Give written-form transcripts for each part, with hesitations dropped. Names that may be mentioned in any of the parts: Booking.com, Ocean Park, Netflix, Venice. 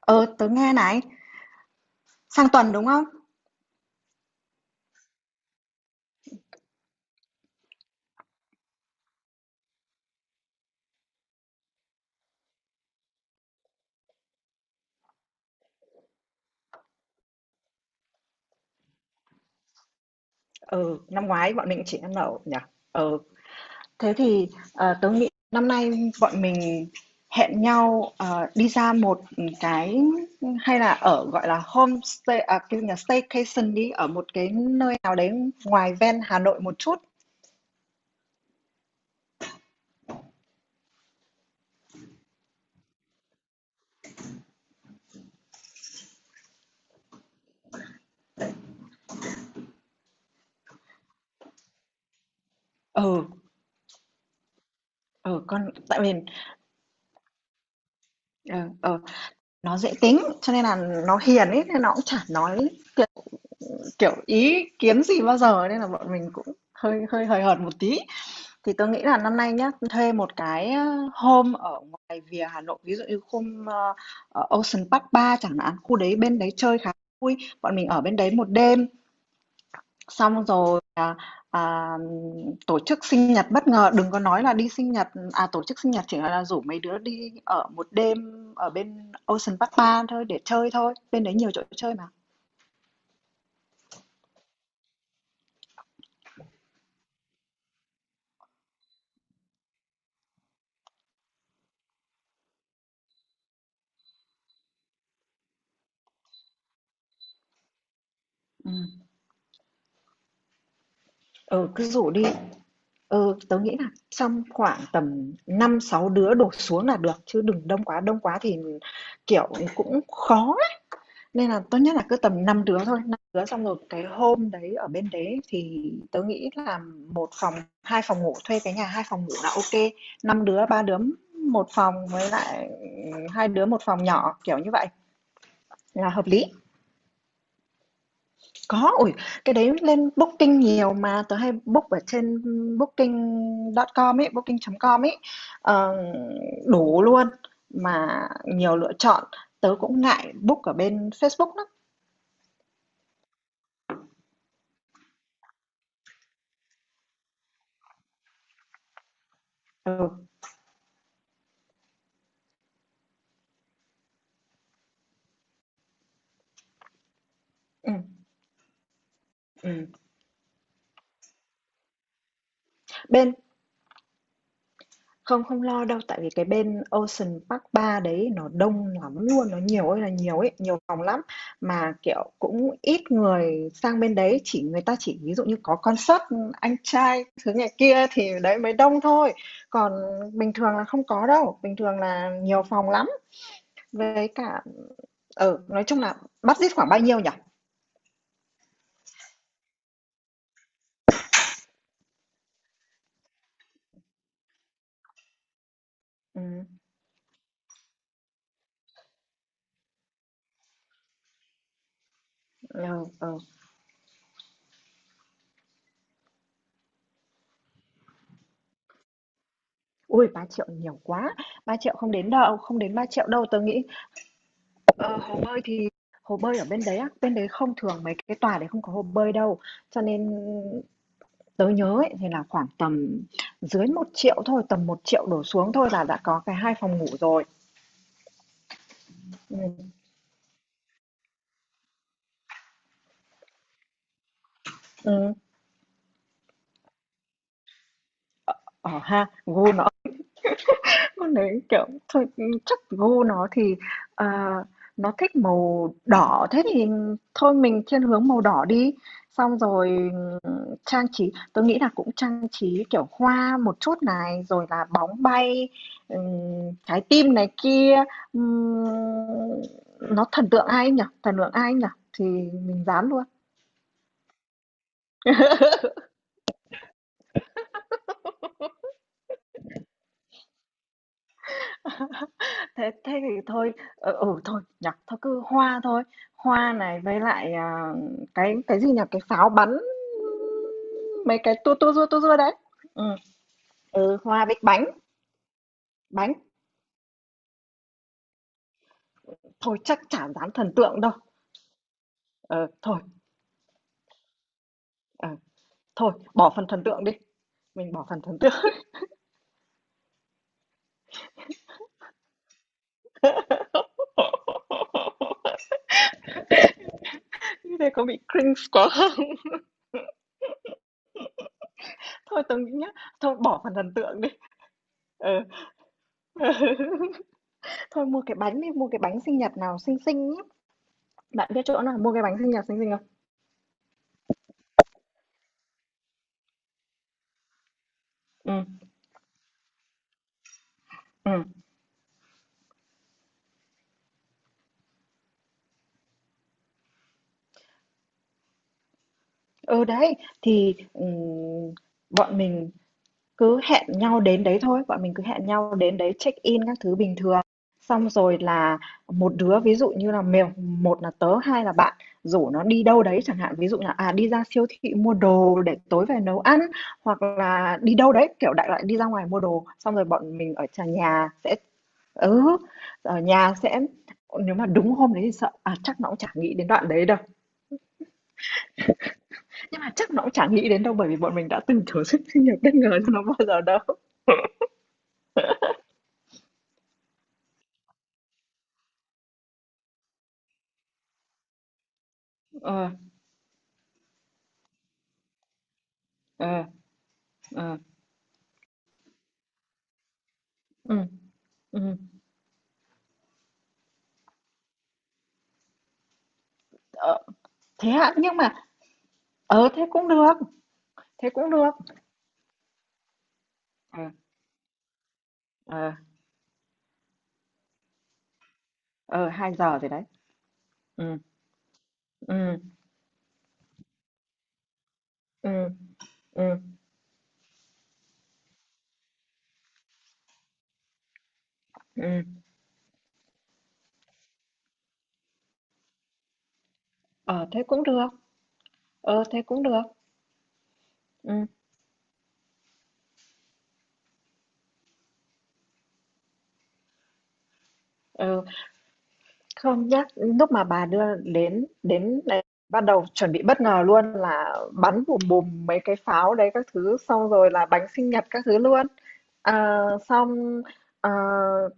Ờ, tớ nghe này, sang tuần đúng không? Ừ, năm ngoái bọn mình chỉ ăn lẩu nhỉ? Ừ, thế thì tớ nghĩ năm nay bọn mình hẹn nhau đi ra một cái, hay là ở gọi là homestay, à, cái gì nhỉ? Staycation đi ở một cái nơi nào đấy ngoài ven Hà Nội một chút. Ừ, ừ, con tại vì ờ, ờ, nó dễ tính cho nên là nó hiền ấy nên nó cũng chả nói kiểu, ý kiến gì bao giờ nên là bọn mình cũng hơi hơi hời hợt một tí. Thì tôi nghĩ là năm nay nhá, thuê một cái, home ở ngoài vỉa Hà Nội, ví dụ như khu, ở Ocean Park ba chẳng hạn, khu đấy bên đấy chơi khá vui. Bọn mình ở bên đấy một đêm, xong rồi, à, tổ chức sinh nhật bất ngờ, đừng có nói là đi sinh nhật, à, tổ chức sinh nhật chỉ là rủ mấy đứa đi ở một đêm ở bên Ocean Park ba thôi để chơi thôi, bên đấy nhiều chỗ chơi mà. Ừm, ừ, cứ rủ đi. Ừ, tớ nghĩ là trong khoảng tầm năm sáu đứa đổ xuống là được chứ đừng đông quá, đông quá thì kiểu cũng khó á. Nên là tốt nhất là cứ tầm 5 đứa thôi, 5 đứa xong rồi cái hôm đấy ở bên đấy thì tớ nghĩ là một phòng, hai phòng ngủ, thuê cái nhà hai phòng ngủ là ok. Năm đứa, ba đứa một phòng với lại hai đứa một phòng nhỏ kiểu như vậy là hợp lý. Có, ủi cái đấy lên Booking nhiều mà, tớ hay book ở trên Booking.com ấy, Booking.com ấy, ờ, đủ luôn, mà nhiều lựa chọn. Tớ cũng ngại book ở bên Facebook lắm. Ừ, ừm, ừm. Bên Không, không lo đâu, tại vì cái bên Ocean Park ba đấy nó đông lắm luôn, nó nhiều ơi là nhiều ấy, nhiều phòng lắm mà kiểu cũng ít người sang bên đấy, chỉ người ta chỉ ví dụ như có concert anh trai thứ này kia thì đấy mới đông thôi. Còn bình thường là không có đâu, bình thường là nhiều phòng lắm. Với cả ở, nói chung là budget khoảng bao nhiêu nhỉ? Ừ, ừ, ừ. Ui, 3 triệu nhiều quá. 3 triệu không đến đâu, không đến 3 triệu đâu. Tớ nghĩ. Ờ, hồ bơi thì hồ bơi ở bên đấy á, bên đấy không thường, mấy cái tòa đấy không có hồ bơi đâu. Cho nên tớ nhớ ấy, thì là khoảng tầm dưới 1 triệu thôi, tầm 1 triệu đổ xuống thôi là đã có cái hai phòng ngủ rồi. Ừ. Ừ. Ờ ha, vui. Con đấy, kiểu, thôi, chắc gu nó thì, ờ, nó thích màu đỏ, thế thì thôi mình thiên hướng màu đỏ đi. Xong rồi, ừm, trang trí tôi nghĩ là cũng trang trí, kiểu, hoa một chút này, rồi là bóng bay, ừm, trái tim này kia. Ừm, nó thần tượng ai nhỉ? Thần tượng ai nhỉ? Thì mình dán luôn. Thế thế thì thôi, thôi, nhặt thôi cứ hoa thôi, hoa này với lại, à, cái gì nhỉ, cái pháo bắn, mấy cái tua tua rua đấy. Ừ, ừ, hoa với bánh, bánh, thôi chắc chả dám thần tượng đâu. Ờ, thôi, ờ, thôi, bỏ phần thần tượng đi, mình bỏ phần thần tượng. Như thế có bị cringe quá không? Thôi tớ nghĩ nhá, thôi bỏ phần thần tượng đi. Ờ. Thôi mua cái bánh đi, mua cái bánh sinh nhật nào xinh xinh. Bạn biết chỗ nào mua cái bánh sinh nhật xinh xinh không? Ừ, ừ. Ừ, đấy, thì, bọn mình cứ hẹn nhau đến đấy thôi, bọn mình cứ hẹn nhau đến đấy check-in các thứ bình thường. Xong rồi là một đứa ví dụ như là mèo một là tớ, hai là bạn, rủ nó đi đâu đấy chẳng hạn, ví dụ là, à, đi ra siêu thị mua đồ để tối về nấu ăn, hoặc là đi đâu đấy, kiểu, đại loại đi ra ngoài mua đồ, xong rồi bọn mình ừ, ở nhà sẽ. Nếu mà đúng hôm đấy thì sợ, à, chắc nó cũng chả nghĩ đến đoạn đấy đâu. Nhưng mà chắc nó cũng chẳng nghĩ đến đâu bởi vì bọn mình đã từ chối sự sinh nhật bất ngờ cho nó bao giờ đâu. Ờ, ờ, ờ, ừ, ừ. Ờ, thế ạ, nhưng mà thế cũng được, thế cũng được. Ờ, ờ, ờ, 2 giờ rồi đấy. Ừ, ừ, ừ, ừ, ừ. Ờ thế cũng được. Ờ thế cũng được. Ừ, ờ. Không, nhắc lúc mà bà đưa đến đến đấy bắt đầu chuẩn bị bất ngờ luôn là bắn bùm bùm mấy cái pháo đấy các thứ, xong rồi là bánh sinh nhật các thứ luôn. Ờ, xong, ờ,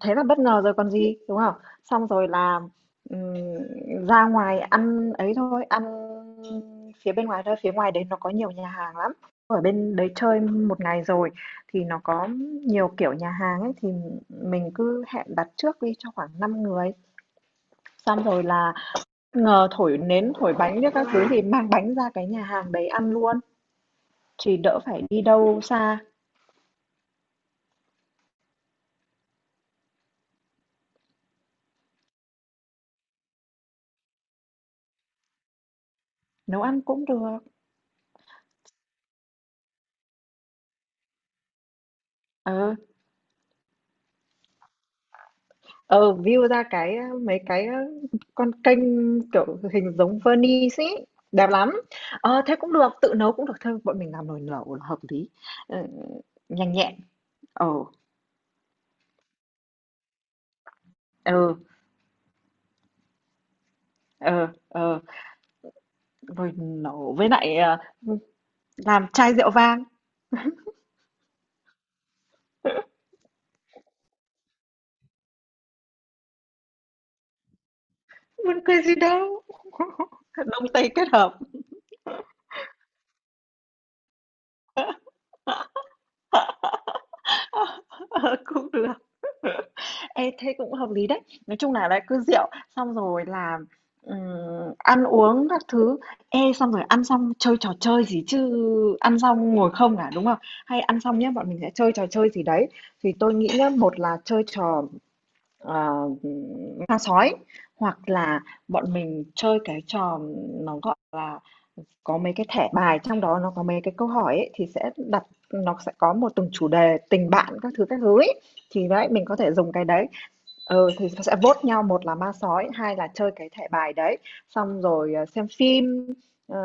thế là bất ngờ rồi còn gì, đúng không? Xong rồi là, ừm, ra ngoài ăn ấy thôi, ăn phía bên ngoài thôi, phía ngoài đấy nó có nhiều nhà hàng lắm. Ở bên đấy chơi một ngày rồi thì nó có nhiều kiểu nhà hàng ấy thì mình cứ hẹn đặt trước đi cho khoảng 5 người. Xong rồi là, thổi nến, thổi bánh biết các thứ thì mang bánh ra cái nhà hàng đấy ăn luôn, thì đỡ phải đi đâu xa, nấu ăn cũng được. Ờ, ờ, view ra cái, mấy cái, con kênh, kiểu, hình giống Venice ấy, đẹp lắm. Ờ, thế cũng được, tự nấu cũng được thôi, bọn mình làm nồi lẩu là hợp lý, ờ, nhanh nhẹn. Ờ, ừ, ờ, ờ, nồi lẩu với lại, làm chai rượu vang, buồn cười gì đâu. Đông Tây kết hợp. Ờ, cũng được. Ê, thế cũng hợp lý đấy, nói chung là lại cứ rượu, xong rồi là ăn uống các thứ. Ê, xong rồi ăn xong chơi trò chơi gì chứ? Ăn xong ngồi không à, đúng không? Hay ăn xong nhá, bọn mình sẽ chơi trò chơi gì đấy, thì tôi nghĩ nhá một là chơi trò, Ờ, ma sói, hoặc là bọn mình chơi cái trò, nó gọi là có mấy cái thẻ bài trong đó, nó có mấy cái câu hỏi ấy, thì sẽ đặt, nó sẽ có một từng chủ đề tình bạn các thứ ấy. Thì đấy mình có thể dùng cái đấy, thì sẽ vote nhau một là ma sói hai là chơi cái thẻ bài đấy, xong rồi xem phim, ờ,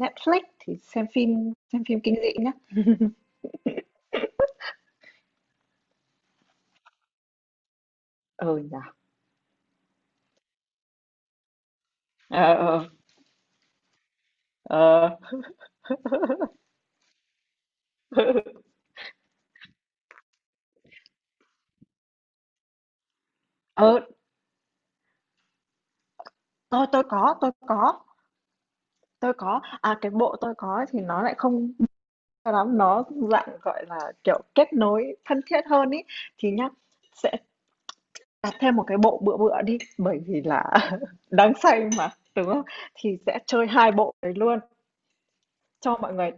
Netflix thì xem phim kinh dị nhá. Ừ nhỉ. Ờ, ờ, ờ. ờ tôi tôi có tôi có Tôi có, à, cái bộ tôi có thì nó lại không cho lắm, nó dạng, gọi là, kiểu, kết nối thân thiết hơn ấy. Thì nhá, sẽ đặt thêm một cái bộ bựa bựa đi, bởi vì là đáng say mà, đúng không? Thì sẽ chơi 2 bộ đấy luôn cho mọi người.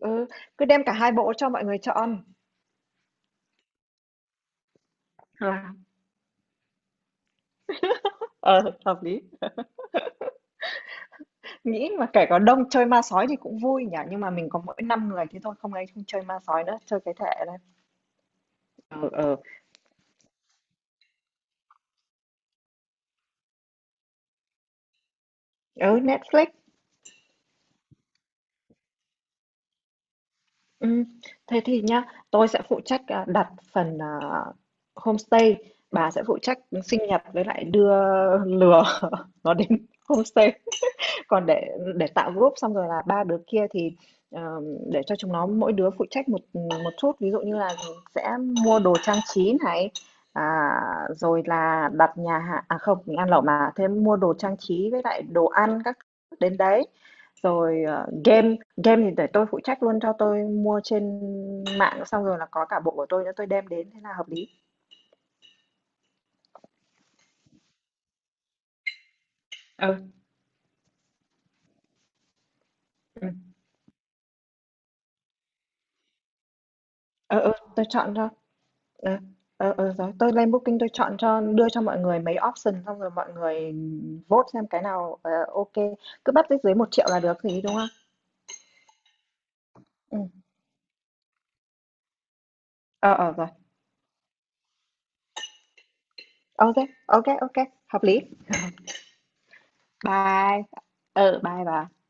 ừ, Cứ đem cả 2 bộ cho mọi người chọn là, ờ, hợp lý. Nghĩ mà kể có đông chơi ma sói thì cũng vui nhỉ, nhưng mà mình có mỗi 5 người thế thôi, không ấy không chơi ma sói nữa, chơi cái thẻ này. Ừ, ừ. Ừ, Netflix. Ừm, thế thì nhá, tôi sẽ phụ trách, à, đặt phần, à, homestay. Bà sẽ phụ trách sinh nhật với lại đưa lừa nó đến homestay. Còn để tạo group, xong rồi là ba đứa kia thì, ờ, để cho chúng nó mỗi đứa phụ trách một một chút, ví dụ như là sẽ mua đồ trang trí này, à, rồi là đặt nhà hàng, à, không, mình ăn lẩu mà, thêm mua đồ trang trí với lại đồ ăn các thứ đến đấy. Rồi, game game thì để tôi phụ trách luôn, cho tôi mua trên mạng xong rồi là có cả bộ của tôi nữa tôi đem đến, thế là hợp lý. Ừ, ừm, ừ, ừ, tôi chọn cho. Ờ, ờ, ờ, rồi tôi lên Booking tôi chọn cho, đưa cho mọi người mấy option xong rồi mọi người vote xem cái nào, ok, cứ bắt dưới 1 triệu là được thì đúng không? Ừ. Ờ ờ rồi. Ok, ok, ok, hợp lý. Bye. Ờ, bye bye.